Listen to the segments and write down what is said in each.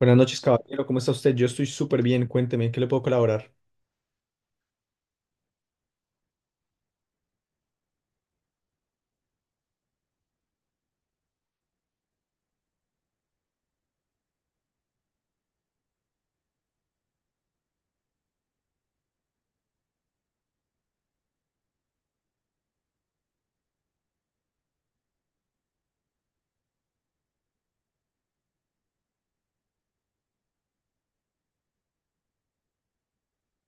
Buenas noches, caballero. ¿Cómo está usted? Yo estoy súper bien. Cuénteme, ¿en qué le puedo colaborar?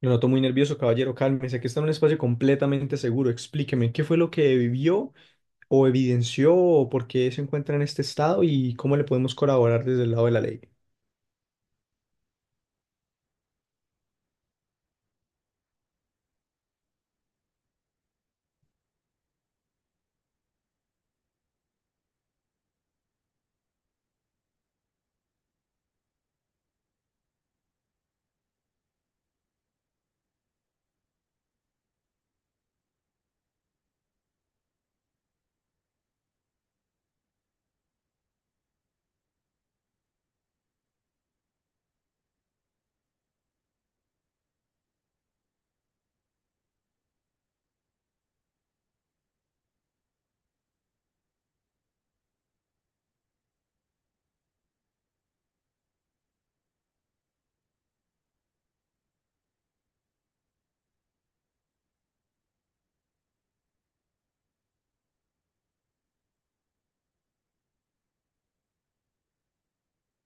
Lo noto muy nervioso, caballero. Cálmese, aquí está en un espacio completamente seguro. Explíqueme, ¿qué fue lo que vivió o evidenció o por qué se encuentra en este estado y cómo le podemos colaborar desde el lado de la ley?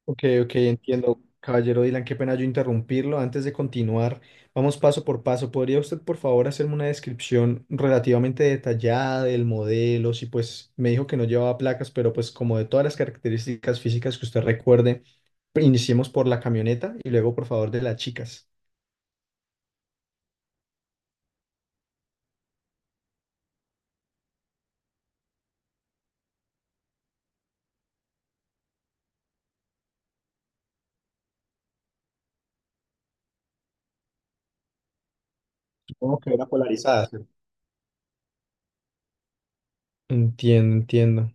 Ok, ok, entiendo. Caballero Dylan, qué pena yo interrumpirlo. Antes de continuar, vamos paso por paso. ¿Podría usted, por favor, hacerme una descripción relativamente detallada del modelo? Si pues me dijo que no llevaba placas, pero pues como de todas las características físicas que usted recuerde, iniciemos por la camioneta y luego, por favor, de las chicas. Supongo que era polarizada, ¿cierto? Entiendo, entiendo.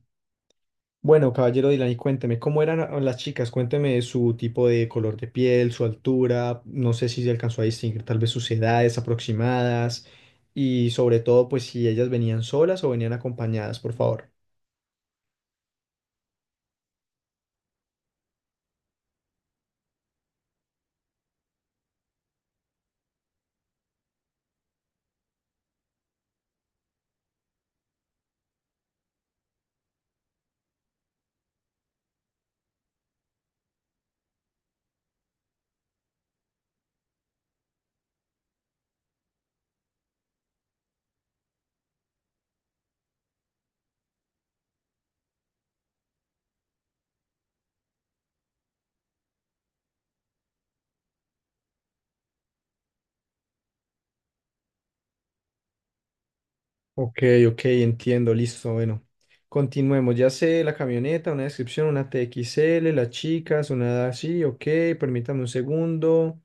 Bueno, caballero Dylan, y cuénteme, ¿cómo eran las chicas? Cuénteme su tipo de color de piel, su altura, no sé si se alcanzó a distinguir tal vez sus edades aproximadas y sobre todo, pues si ellas venían solas o venían acompañadas, por favor. Ok, ok, entiendo, listo, bueno. Continuemos, ya sé, la camioneta, una descripción, una TXL, las chicas, una edad así, ok, permítame un segundo.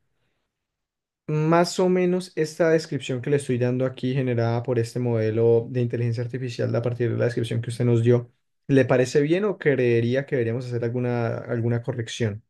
Más o menos esta descripción que le estoy dando aquí, generada por este modelo de inteligencia artificial, a partir de la descripción que usted nos dio, ¿le parece bien o creería que deberíamos hacer alguna corrección?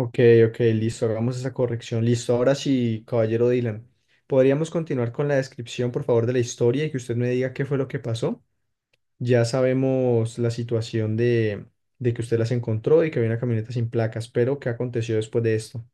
Ok, ok, listo, hagamos esa corrección. Listo, ahora sí, caballero Dylan, ¿podríamos continuar con la descripción, por favor, de la historia y que usted me diga qué fue lo que pasó? Ya sabemos la situación de que usted las encontró y que había una camioneta sin placas, pero ¿qué aconteció después de esto?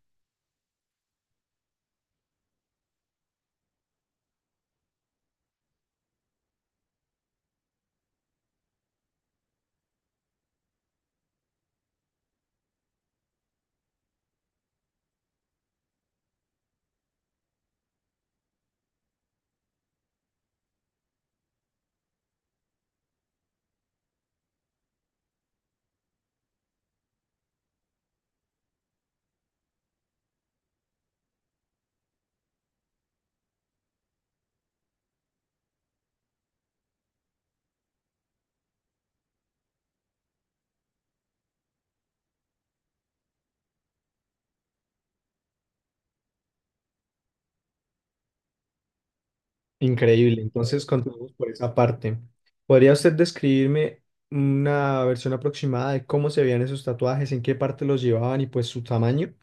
Increíble. Entonces, continuamos por esa parte. ¿Podría usted describirme una versión aproximada de cómo se veían esos tatuajes, en qué parte los llevaban y pues su tamaño?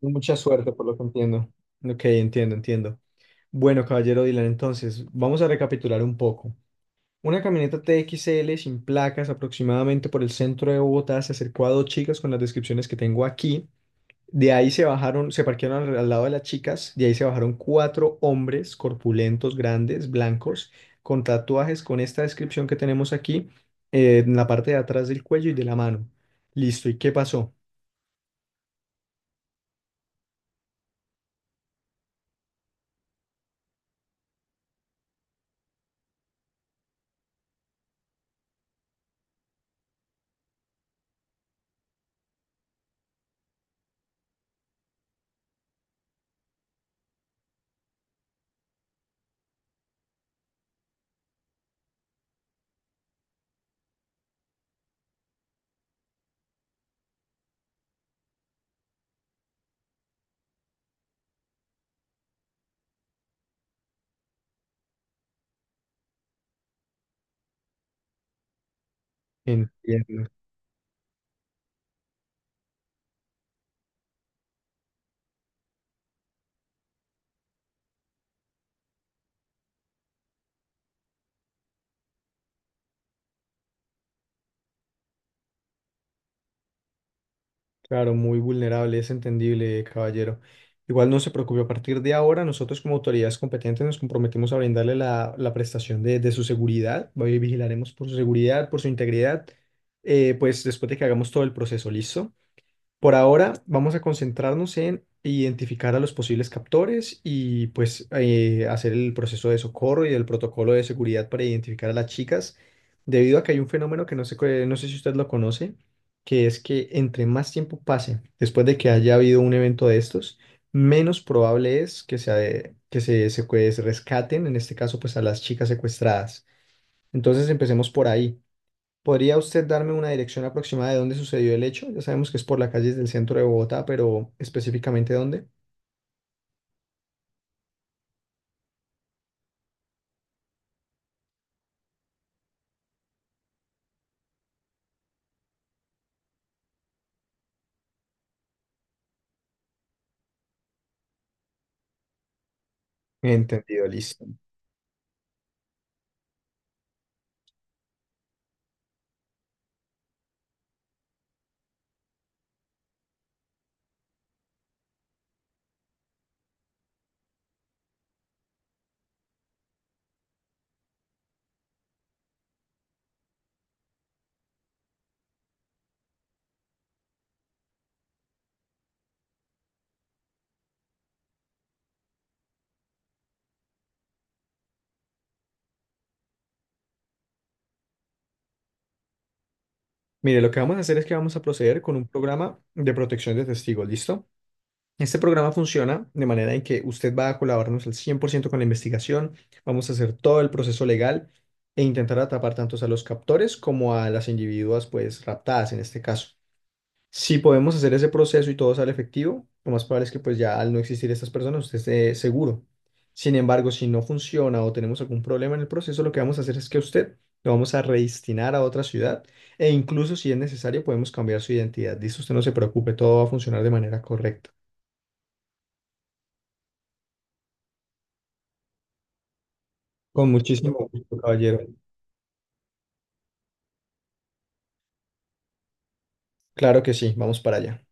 Mucha suerte, por lo que entiendo. Ok, entiendo, entiendo. Bueno, caballero Dylan, entonces, vamos a recapitular un poco. Una camioneta TXL sin placas aproximadamente por el centro de Bogotá se acercó a dos chicas con las descripciones que tengo aquí. De ahí se bajaron, se parquearon al lado de las chicas, de ahí se bajaron cuatro hombres corpulentos, grandes, blancos, con tatuajes con esta descripción que tenemos aquí, en la parte de atrás del cuello y de la mano. Listo, ¿y qué pasó? Entiendo. Claro, muy vulnerable, es entendible, caballero. Igual no se preocupe, a partir de ahora nosotros como autoridades competentes nos comprometemos a brindarle la prestación de su seguridad, hoy vigilaremos por su seguridad, por su integridad, pues después de que hagamos todo el proceso, ¿listo? Por ahora vamos a concentrarnos en identificar a los posibles captores y pues hacer el proceso de socorro y el protocolo de seguridad para identificar a las chicas, debido a que hay un fenómeno que no sé, no sé si usted lo conoce, que es que entre más tiempo pase después de que haya habido un evento de estos, menos probable es que se pues, rescaten, en este caso pues a las chicas secuestradas. Entonces empecemos por ahí. ¿Podría usted darme una dirección aproximada de dónde sucedió el hecho? Ya sabemos que es por las calles del centro de Bogotá, pero específicamente dónde. Entendido, listo. Mire, lo que vamos a hacer es que vamos a proceder con un programa de protección de testigos, ¿listo? Este programa funciona de manera en que usted va a colaborarnos al 100% con la investigación, vamos a hacer todo el proceso legal e intentar atrapar tanto a los captores como a las individuas, pues, raptadas en este caso. Si podemos hacer ese proceso y todo sale efectivo, lo más probable es que pues ya al no existir estas personas usted esté seguro. Sin embargo, si no funciona o tenemos algún problema en el proceso, lo que vamos a hacer es que a usted lo vamos a redestinar a otra ciudad e incluso si es necesario podemos cambiar su identidad. Listo, usted no se preocupe, todo va a funcionar de manera correcta. Con muchísimo gusto, caballero. Claro que sí, vamos para allá.